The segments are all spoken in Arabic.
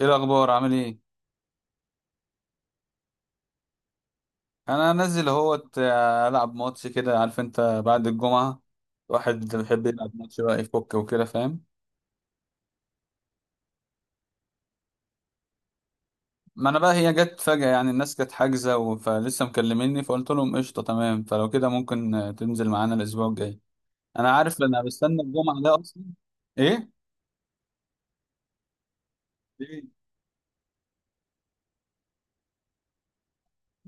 ايه الاخبار؟ عامل ايه؟ انا نازل اهوت العب ماتش كده، عارف انت؟ بعد الجمعه الواحد بيحب يلعب ماتش بقى، يفك وكده، فاهم؟ ما انا بقى هي جت فجاه. يعني الناس كانت حاجزه فلسه مكلميني فقلت لهم قشطه تمام. فلو كده ممكن تنزل معانا الاسبوع الجاي. انا عارف انا بستنى الجمعه ده اصلا. ايه؟ إيه؟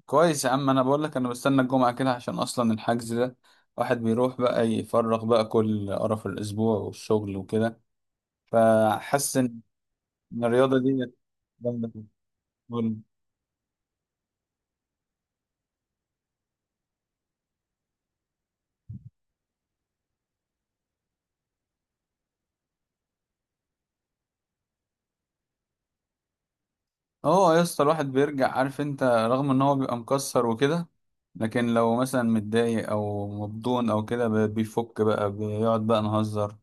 كويس يا عم، انا بقول لك انا بستنى الجمعه كده عشان اصلا الحجز ده. واحد بيروح بقى يفرغ بقى كل قرف الاسبوع والشغل وكده. فحاسس إن، إن الرياضة دي جامدة. قول. اه يا اسطى، الواحد بيرجع، عارف انت، رغم ان هو بيبقى مكسر وكده، لكن لو مثلا متضايق او مبدون او كده بيفك بقى، بيقعد بقى نهزر.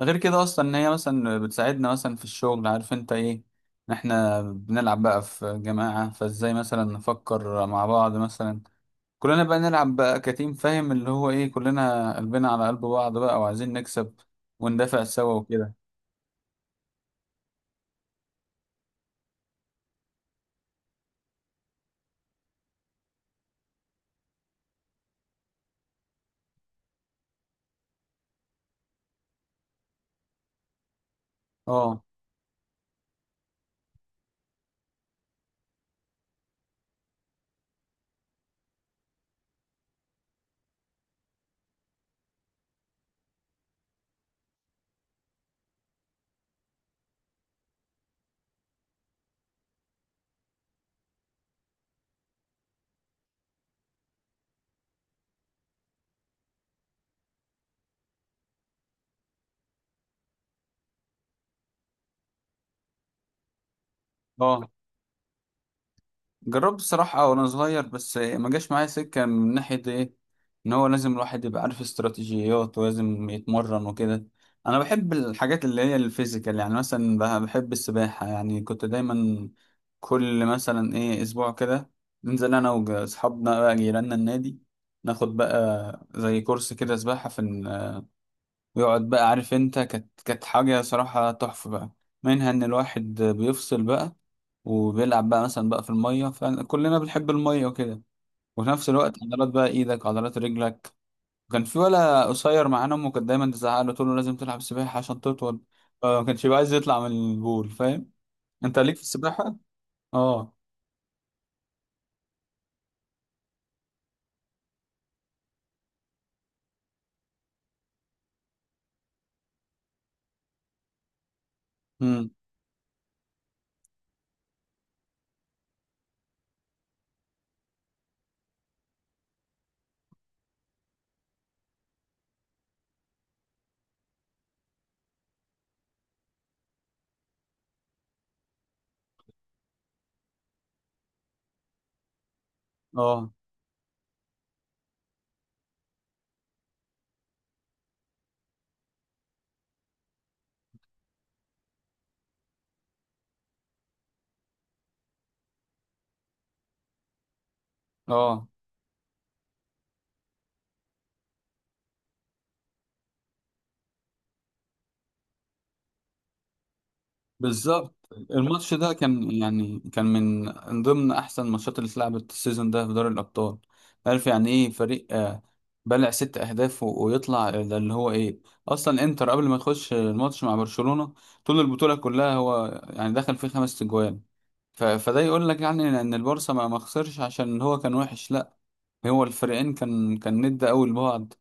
غير كده اصلا ان هي مثلا بتساعدنا مثلا في الشغل، عارف انت ايه؟ إن احنا بنلعب بقى في جماعة، فازاي مثلا نفكر مع بعض مثلا. كلنا بقى نلعب بقى كتيم، فاهم اللي هو ايه؟ كلنا قلبنا على قلب بعض بقى، وعايزين نكسب وندافع سوا وكده. اه. اه، جربت الصراحة وأنا صغير بس ما جاش معايا سكة من ناحية إيه؟ إن هو لازم الواحد يبقى عارف استراتيجيات ولازم يتمرن وكده. أنا بحب الحاجات اللي هي الفيزيكال. يعني مثلا بحب السباحة. يعني كنت دايما كل مثلا إيه أسبوع كده ننزل أنا وأصحابنا بقى جيراننا النادي، ناخد بقى زي كورس كده سباحة في. ويقعد بقى، عارف انت، كانت حاجة صراحة تحفة بقى، منها ان الواحد بيفصل بقى وبيلعب بقى مثلا بقى في المية، فكلنا بنحب المية وكده، وفي نفس الوقت عضلات بقى ايدك، عضلات رجلك. وكان في ولا قصير معانا امه كانت دايما تزعق له تقول له لازم تلعب سباحة عشان تطول، فما كانش بيبقى عايز يطلع من البول، فاهم؟ انت ليك في السباحة؟ اه. امم. اه. اه. بالظبط. الماتش ده كان يعني كان من ضمن احسن الماتشات اللي اتلعبت السيزون ده في دوري الابطال. عارف يعني ايه فريق بلع ست اهداف ويطلع، ده اللي هو ايه؟ اصلا انتر قبل ما تخش الماتش مع برشلونة طول البطولة كلها هو يعني دخل فيه خمس تجوان. فده يقول لك يعني ان البارسا ما خسرش عشان هو كان وحش، لا. هو الفريقين كان ند قوي لبعض.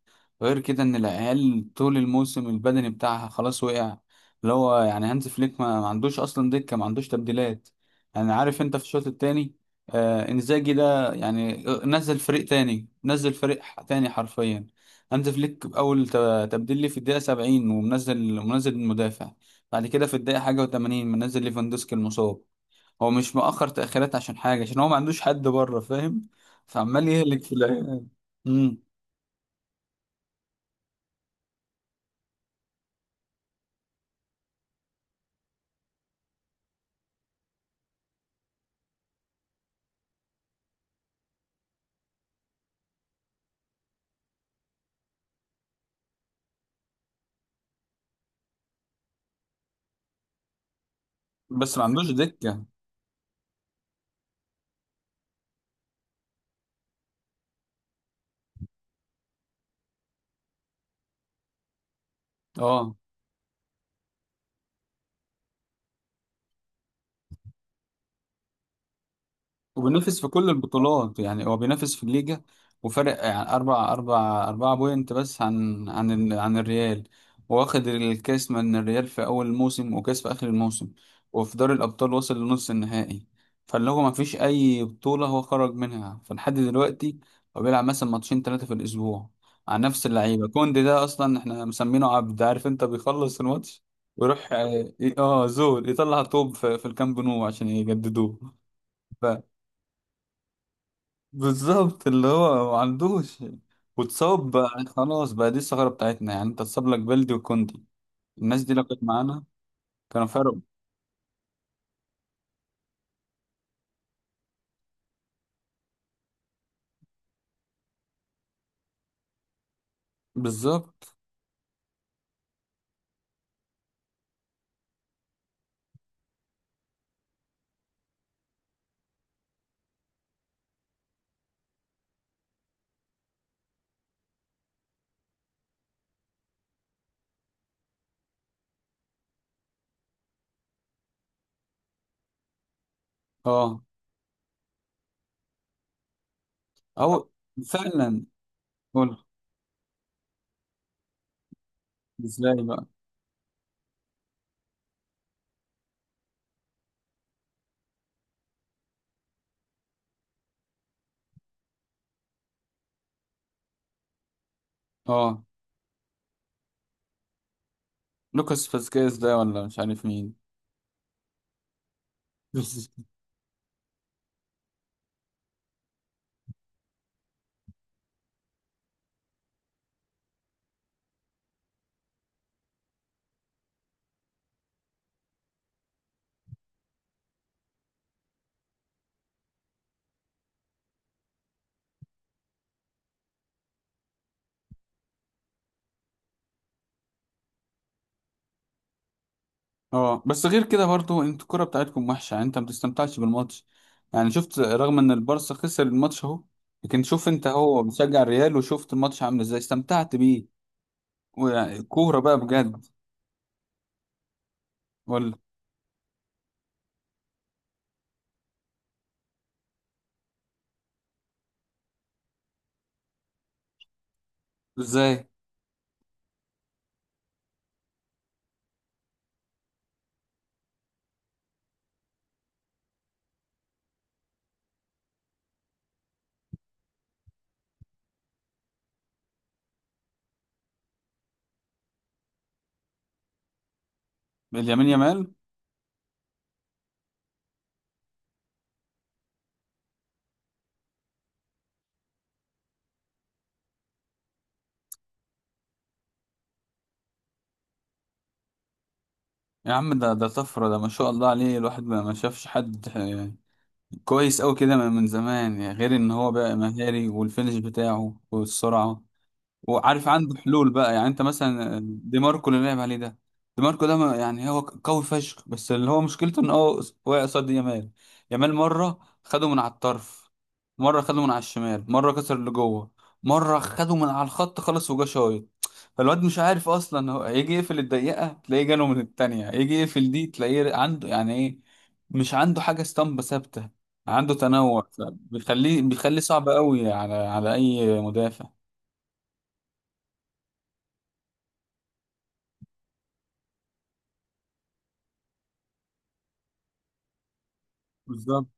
غير كده ان العيال طول الموسم البدني بتاعها خلاص وقع، اللي هو يعني هانز فليك ما عندوش اصلا دكه، ما عندوش تبديلات. يعني عارف انت في الشوط الثاني آه انزاجي ده، يعني نزل فريق تاني، نزل فريق تاني حرفيا. هانز فليك اول تبديل ليه في الدقيقه 70 ومنزل منزل المدافع. بعد كده في الدقيقه حاجه و80 منزل ليفاندوسكي المصاب. هو مش مؤخر تأخيرات عشان حاجة، عشان هو ما عندوش حد بره، فاهم؟ فعمال يهلك في العيال. امم. بس ما عندوش دكة. اه. وبينافس في كل البطولات، يعني هو بينافس في الليجا وفارق يعني أربعة بوينت بس عن عن الريال. واخد الكاس من الريال في أول الموسم، وكاس في آخر الموسم، وفي دوري الأبطال وصل لنص النهائي. فاللي هو مفيش أي بطولة هو خرج منها، فلحد دلوقتي هو بيلعب مثلا ماتشين تلاتة في الأسبوع على نفس اللعيبة. كوندي ده أصلا احنا مسمينه عبد، عارف أنت، بيخلص الماتش ويروح اه زول يطلع طوب في الكامب نو عشان يجددوه. بالظبط، اللي هو ما عندوش. واتصاب بقى خلاص بقى، دي الثغرة بتاعتنا، يعني انت اتصاب لك بلدي وكوندي. الناس دي لو كانت معانا كانوا فرقوا. بالظبط. اه. او. فعلا. قول. ازاي بقى؟ اه. لوكاس فاسكيز ده، ولا مش عارف مين. بس- اه، بس غير كده برضو، انت الكرة بتاعتكم وحشة، يعني انت ما بتستمتعش بالماتش. يعني شفت رغم ان البارسا خسر الماتش اهو، لكن شوف انت اهو مشجع الريال، وشفت الماتش عامل ازاي، استمتعت بيه. ويعني كورة بقى بجد. قول. ازاي؟ اليمين يامال. يا عم ده ده طفرة، ده ما شاء الله عليه. الواحد ما شافش حد كويس قوي كده من زمان، يعني غير ان هو بقى مهاري، والفينش بتاعه والسرعة، وعارف عنده حلول بقى. يعني انت مثلا دي ماركو اللي لعب عليه ده، دي ماركو ده يعني هو قوي فشخ، بس اللي هو مشكلته ان هو واقع قصاد يامال. يامال مره خده من على الطرف، مره خده من على الشمال، مره كسر اللي جوه، مره خده من على الخط خلص وجا شايط. فالواد مش عارف اصلا، هو هيجي يقفل الدقيقه تلاقيه جاله من التانية، يجي يقفل دي تلاقيه عنده، يعني ايه؟ مش عنده حاجه اسطمبه ثابته، عنده تنوع. بيخليه صعب قوي على اي مدافع. بالظبط.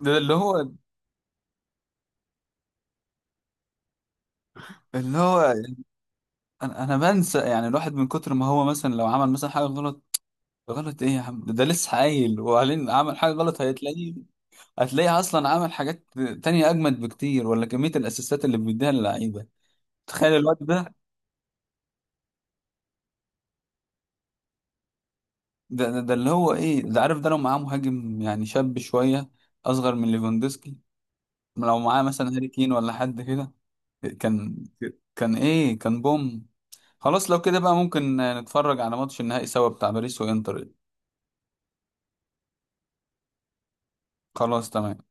ده اللي هو، اللي هو. انا بنسى يعني الواحد من كتر ما هو مثلا لو عمل مثلا حاجه غلط. غلط ايه يا عم؟ ده ده لسه قايل وبعدين عمل حاجه غلط، هتلاقيه. اصلا عمل حاجات تانية اجمد بكتير، ولا كميه الاسيستات اللي بيديها للعيبه. تخيل الواد ده. ده اللي هو ايه ده، عارف، ده لو معاه مهاجم يعني شاب شويه، اصغر من ليفاندوسكي، لو معاه مثلا هاري كين ولا حد كده، كان كان ايه؟ كان بوم. خلاص لو كده بقى ممكن نتفرج على ماتش النهائي سوا بتاع باريس وانتر. خلاص تمام.